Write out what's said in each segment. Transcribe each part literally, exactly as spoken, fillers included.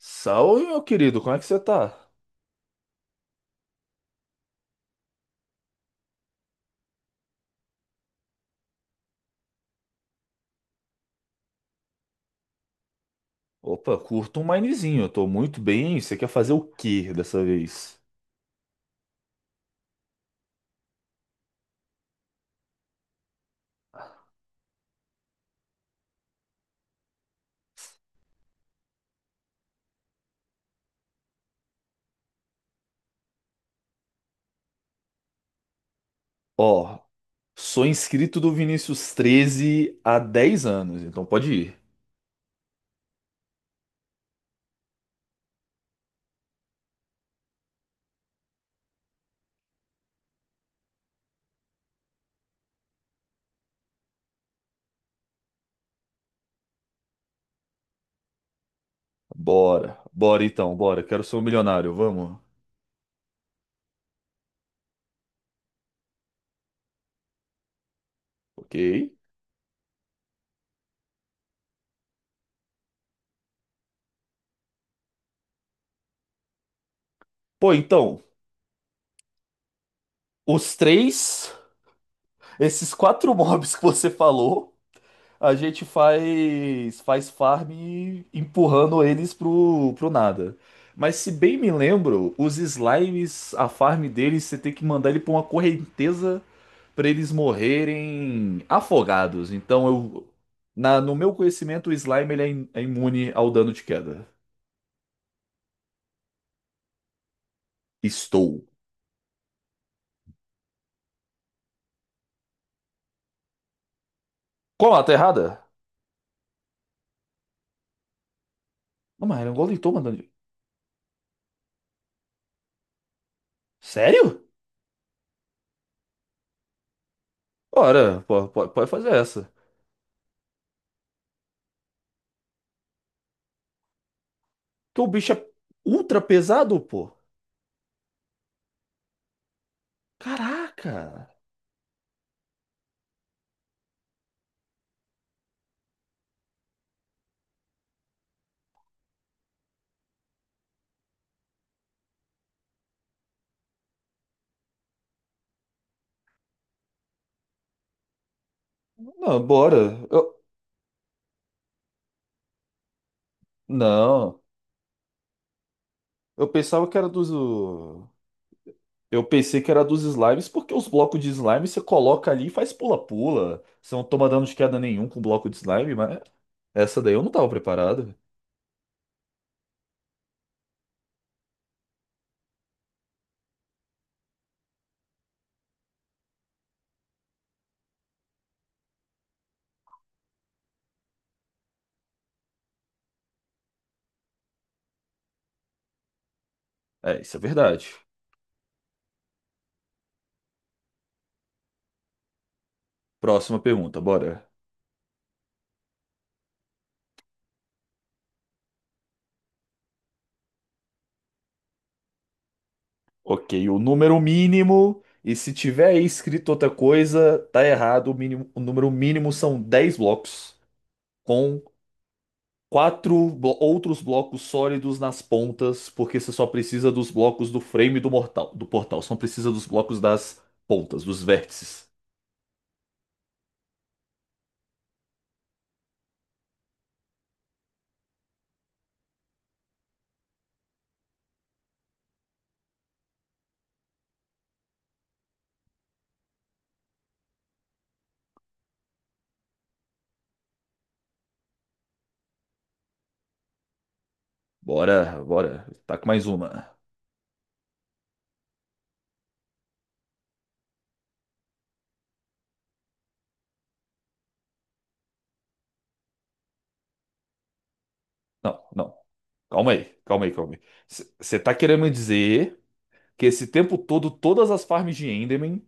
Salve, meu querido, como é que você tá? Opa, curto um minezinho, eu tô muito bem. Você quer fazer o quê dessa vez? Ó, sou inscrito do Vinícius treze há dez anos, então pode ir. Bora, bora então, bora. Quero ser um milionário, vamos? Ok. Pô, então, os três, esses quatro mobs que você falou. A gente faz faz farm empurrando eles pro, pro nada. Mas se bem me lembro, os slimes, a farm deles, você tem que mandar ele pra uma correnteza pra eles morrerem afogados. Então eu na, no meu conhecimento, o slime ele é, im- é imune ao dano de queda. Estou. Como? Ah, tá errada? Não, mas ele é um golem, toma dano de... Sério? Ora, pô, pô, pode fazer essa. Que o bicho é ultra pesado, pô. Caraca. Não, bora. Eu- Não, eu pensava que era dos. o- Eu pensei que era dos slimes, porque os blocos de slime você coloca ali e faz pula-pula. Você não toma dano de queda nenhum com bloco de slime, mas essa daí eu não tava preparado. É, isso é verdade. Próxima pergunta, bora. Ok, o número mínimo, e se tiver aí escrito outra coisa, tá errado. O mínimo, o número mínimo são dez blocos, com quatro blo- outros blocos sólidos nas pontas, porque você só precisa dos blocos do frame do mortal, do portal. Só não precisa dos blocos das pontas, dos vértices. Bora, bora. Tá com mais uma. Não, não. Calma aí, calma aí, calma aí. Você tá querendo me dizer que esse tempo todo, todas as farms de Enderman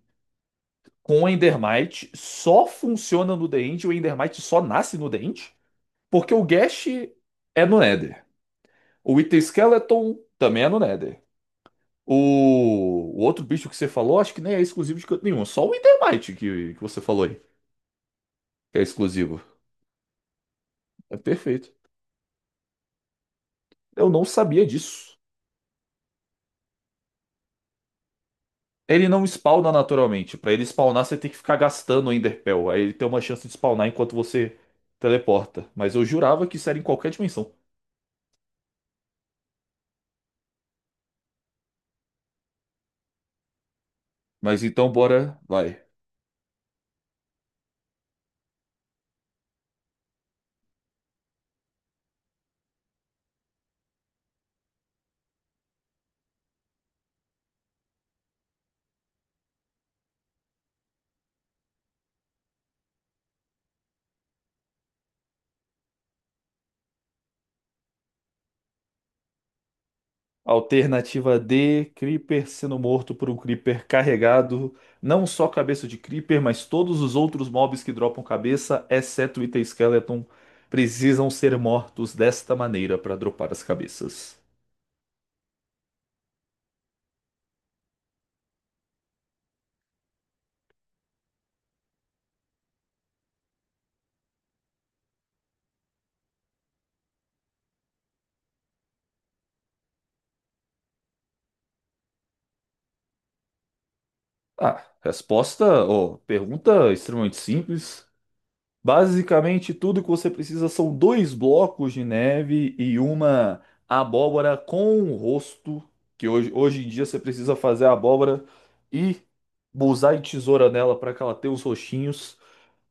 com Endermite só funcionam no The End e o Endermite só nasce no The End? Porque o Gash é no Nether. O Item Skeleton também é no Nether. O, o outro bicho que você falou, acho que nem é exclusivo de canto nenhum. Só o Endermite que, que você falou aí, que é exclusivo. É perfeito. Eu não sabia disso. Ele não spawna naturalmente. Pra ele spawnar, você tem que ficar gastando o Enderpell. Aí ele tem uma chance de spawnar enquanto você teleporta. Mas eu jurava que isso era em qualquer dimensão. Mas então, bora. Vai. Alternativa D, Creeper sendo morto por um Creeper carregado, não só cabeça de Creeper, mas todos os outros mobs que dropam cabeça, exceto o Ita Skeleton, precisam ser mortos desta maneira para dropar as cabeças. Ah, resposta, ou pergunta extremamente simples. Basicamente, tudo que você precisa são dois blocos de neve e uma abóbora com o rosto, que hoje, hoje em dia você precisa fazer a abóbora e usar e tesoura nela para que ela tenha os rostinhos.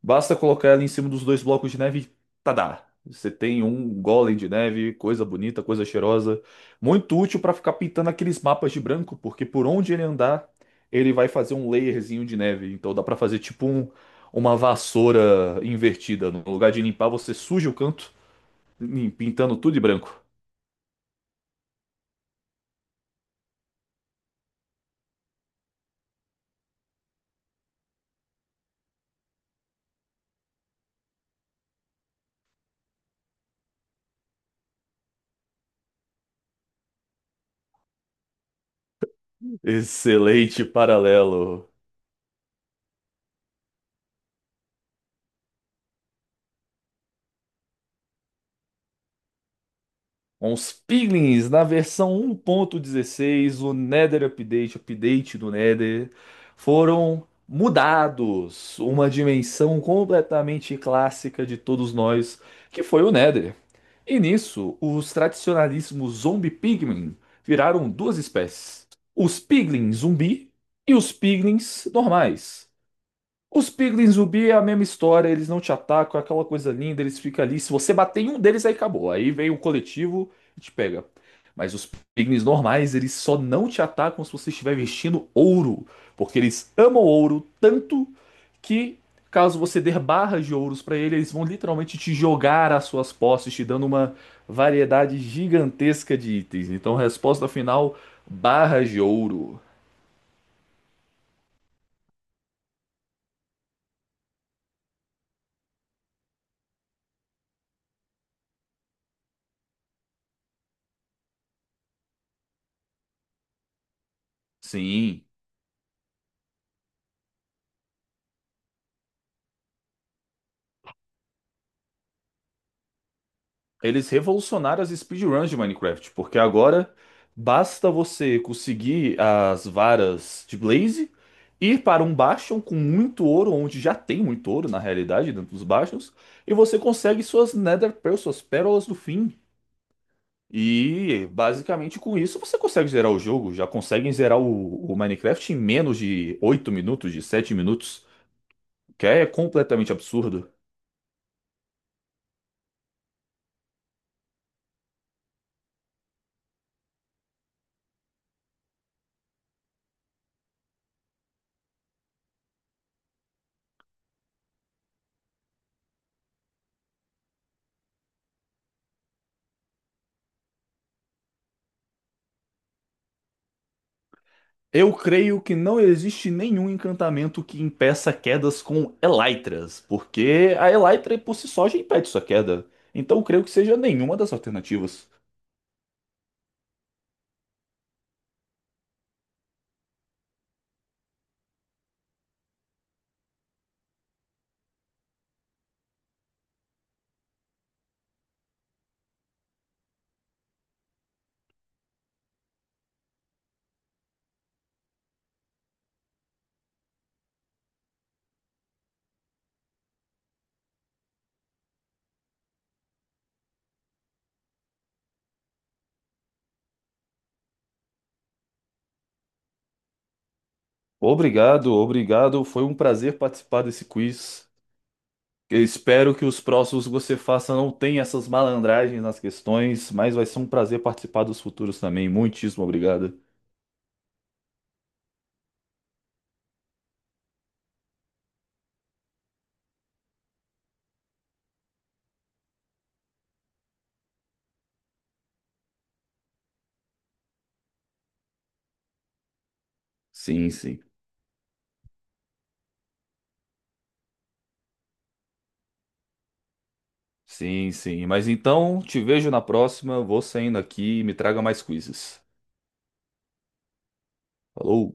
Basta colocar ela em cima dos dois blocos de neve e tadá! Você tem um golem de neve, coisa bonita, coisa cheirosa. Muito útil para ficar pintando aqueles mapas de branco, porque por onde ele andar, ele vai fazer um layerzinho de neve. Então dá para fazer tipo um- uma vassoura invertida. No lugar de limpar, você suja o canto, lim- pintando tudo de branco. Excelente paralelo. Com os piglins na versão um ponto dezesseis, o Nether Update, update do Nether, foram mudados. Uma dimensão completamente clássica de todos nós, que foi o Nether. E nisso, os tradicionalíssimos zombie pigmin viraram duas espécies: os piglins zumbi e os piglins normais. Os Piglins Ruby é a mesma história, eles não te atacam, é aquela coisa linda, eles ficam ali. Se você bater em um deles, aí acabou. Aí vem o coletivo e te pega. Mas os Piglins normais, eles só não te atacam se você estiver vestindo ouro. Porque eles amam ouro tanto que, caso você der barras de ouros pra eles, eles vão literalmente te jogar às suas posses, te dando uma variedade gigantesca de itens. Então, resposta final: barras de ouro. Sim. Eles revolucionaram as speedruns de Minecraft, porque agora basta você conseguir as varas de Blaze, ir para um bastion com muito ouro, onde já tem muito ouro na realidade dentro dos bastions, e você consegue suas Nether Pearls, suas pérolas do fim. E basicamente com isso você consegue zerar o jogo, já conseguem zerar o, o Minecraft em menos de oito minutos, de sete minutos, que é completamente absurdo. Eu creio que não existe nenhum encantamento que impeça quedas com elytras, porque a elytra por si só já impede sua queda. Então eu creio que seja nenhuma das alternativas. Obrigado, obrigado. Foi um prazer participar desse quiz. Eu espero que os próximos que você faça não tenham essas malandragens nas questões, mas vai ser um prazer participar dos futuros também. Muitíssimo obrigado. Sim, sim. Sim, sim. Mas então, te vejo na próxima. Vou saindo aqui e me traga mais quizzes. Falou!